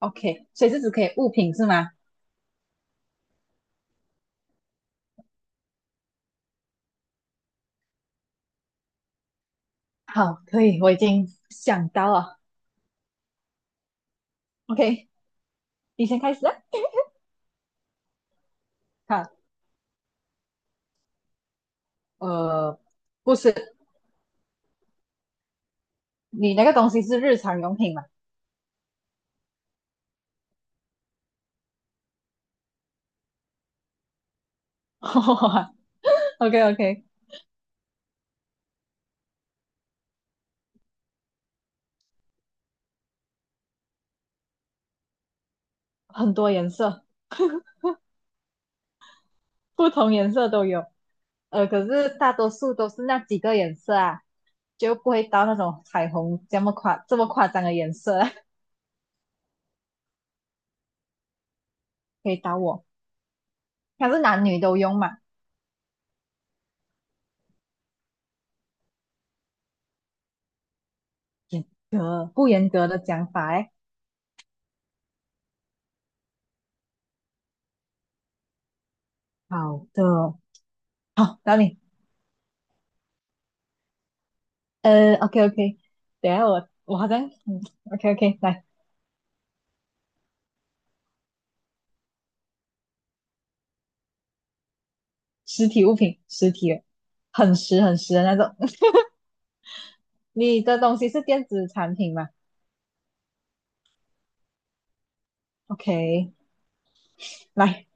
OK，所以是只可以物品是吗？好，可以，我已经想到了。？OK，你先开始啊。好，呃，不是，你那个东西是日常用品嘛？ ？OK OK，很多颜色，不同颜色都有，可是大多数都是那几个颜色啊，就不会到那种彩虹这么夸张的颜色啊。可以到我。它是男女都用嘛？不严格的讲法哎。好的，好，到你。OK OK，等一下我好像嗯，OK OK，来，实体物品，实体的，很实很实的那种。你的东西是电子产品吗？OK，来，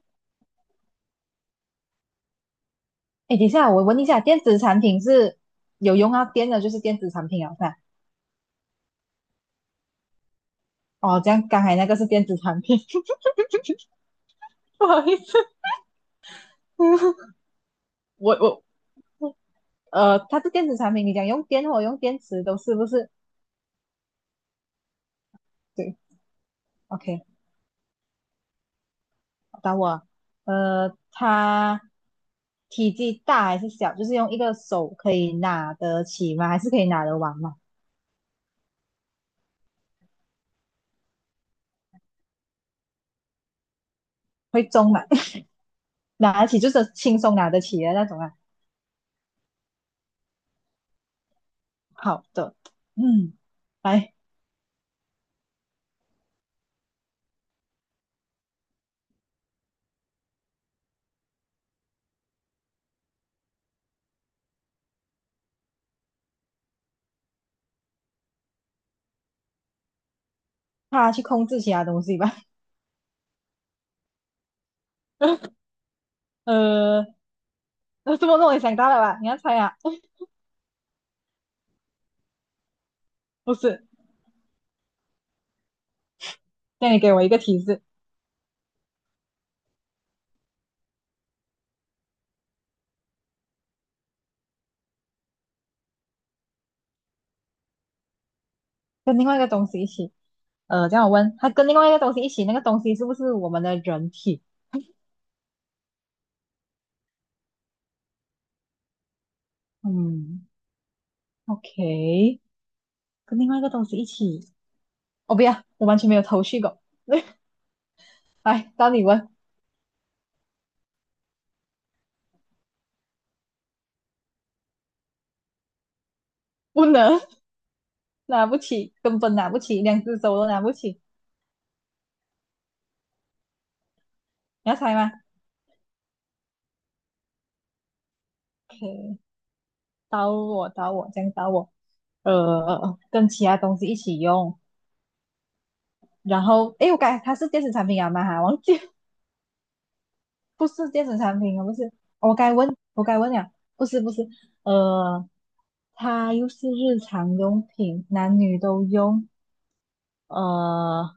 哎，等一下我问一下，电子产品是有用到电的，就是电子产品啊，看，哦，这样刚才那个是电子产品。不好意思。我它是电子产品，你讲用电或用电池都是不是？对，OK，找我，它体积大还是小？就是用一个手可以拿得起吗？还是可以拿得完吗？会重吗？拿得起就是轻松拿得起的那种啊。好的，嗯，来，他去控制其他东西吧。呃，那这么弄也想到了吧？你要猜啊？不是，那你给我一个提示，跟另外一个东西一起。这样我问，他，跟另外一个东西一起，那个东西是不是我们的人体？嗯，OK，跟另外一个东西一起。我不要，我完全没有头绪过。来，到你问，不能拿不起，根本拿不起，两只手都拿不起。你要猜吗？OK，到我，到我，这样到我。跟其他东西一起用。然后，诶，我该它是电子产品啊吗？哈，忘记，不是电子产品，啊，不是。哦我该问，我该问了，不是不是。呃，它又是日常用品，男女都用。呃，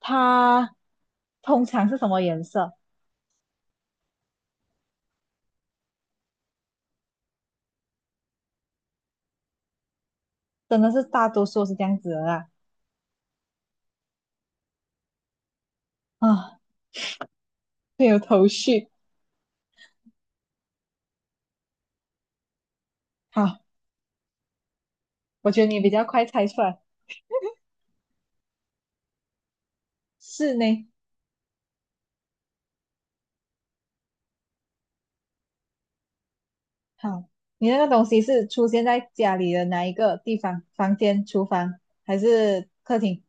它通常是什么颜色？真的是大多数是这样子的啦，啊，没有头绪。好，我觉得你比较快猜出来，是呢。好，你那个东西是出现在家里的哪一个地方？房间、厨房还是客厅？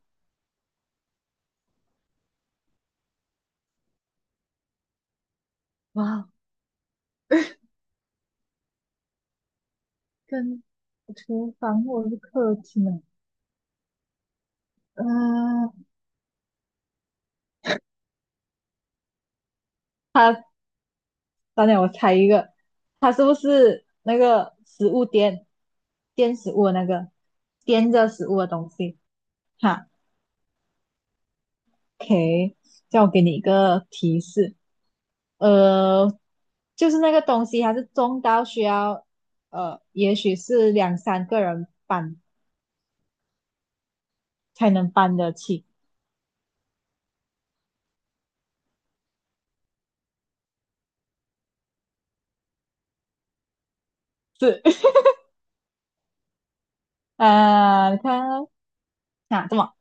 哇，跟厨房或者是客厅啊？嗯、它，当然我猜一个，它是不是那个食物垫，垫食物的那个，垫着食物的东西？哈。OK，叫我给你一个提示，呃，就是那个东西它是重到需要，也许是两三个人搬才能搬得起。是，啊，你看哦啊，这么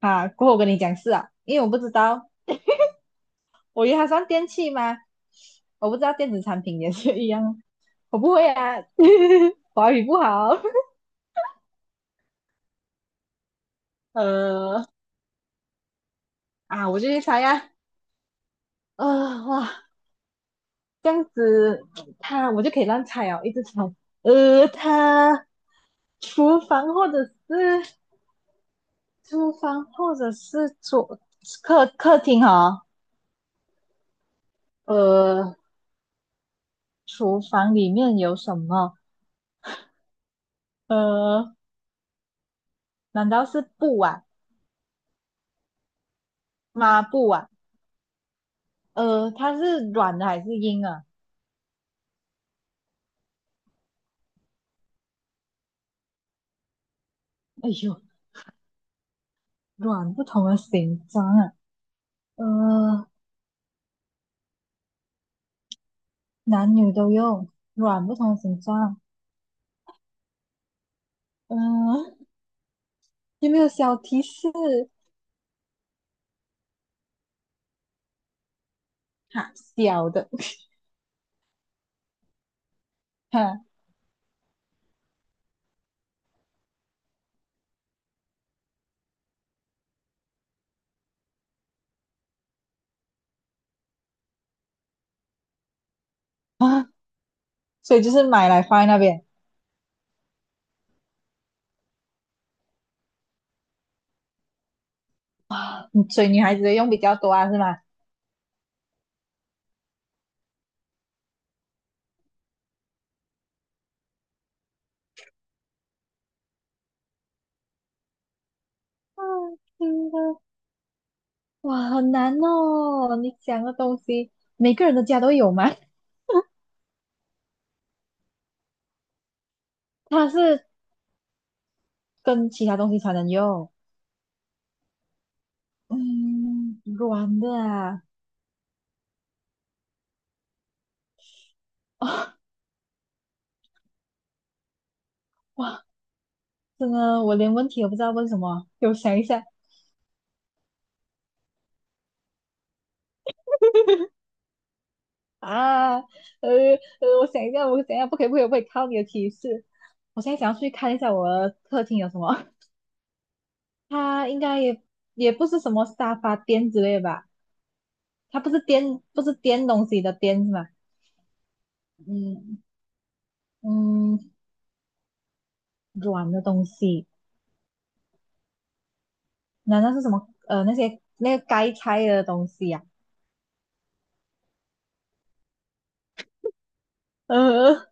啊，过后我跟你讲是啊，因为我不知道，我以为它算电器吗？我不知道电子产品也是一样，我不会啊。华语不好。呃，啊，我就去猜呀、啊，哇。这样子，他我就可以乱猜哦，一直猜。他厨房或者是厨房或者是客厅哦，呃，厨房里面有什么？呃，难道是布啊，抹布啊？它是软的还是硬啊？哎呦，软不同的形状啊，呃，男女都用，软不同的形状，嗯、有没有小提示？哈，小的。哼啊，所以就是买来放在那边，嗯所以女孩子的用比较多啊，是吗？啊，真的，哇，好难哦！你讲的东西，每个人的家都有吗？它是跟其他东西才能用，嗯，软的啊，哦，哇，真的，我连问题都不知道问什么，给我想一下啊，我想一下，我想一下，不可以，不可以，不可以，靠你的提示，我现在想要去看一下我的客厅有什么。它应该也不是什么沙发垫之类的吧？它不是颠，不是颠东西的颠是吧？嗯嗯，软的东西，难道是什么？那些那个该拆的东西呀、呃，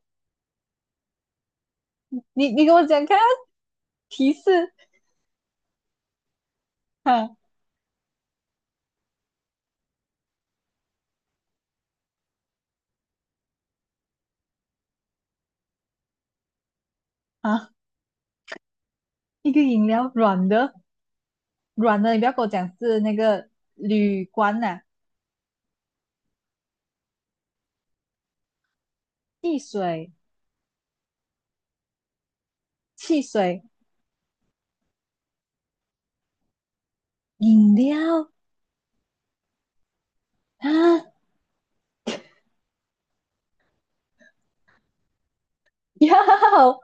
你给我讲看啊提示啊啊，一个饮料软的软的，你不要跟我讲是那个铝罐呐、汽水汽水饮料啊，要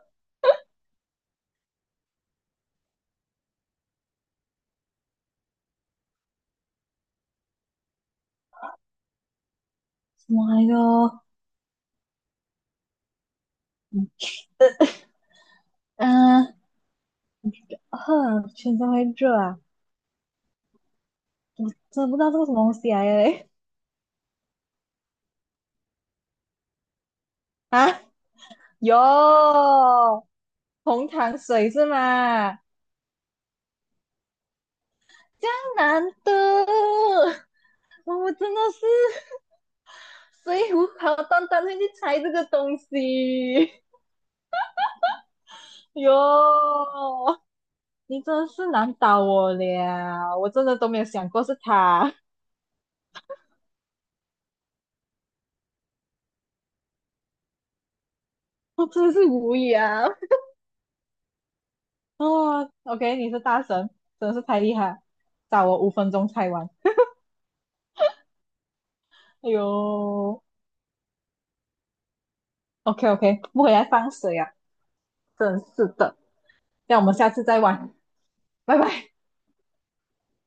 什么来着？嗯、啊，呵全身会热啊，我真的不知道这个什么东西来的嘞啊。哟，红糖水是吗？江南的，我真的是，所以我好端端会去猜这个东西。哟，你真的是难倒我了，我真的都没有想过是他。我真的是无语啊。哦，OK，你是大神，真的是太厉害，找我5分钟猜完。哎呦，OK OK，不回来放水啊，真是的。那我们下次再玩。拜拜。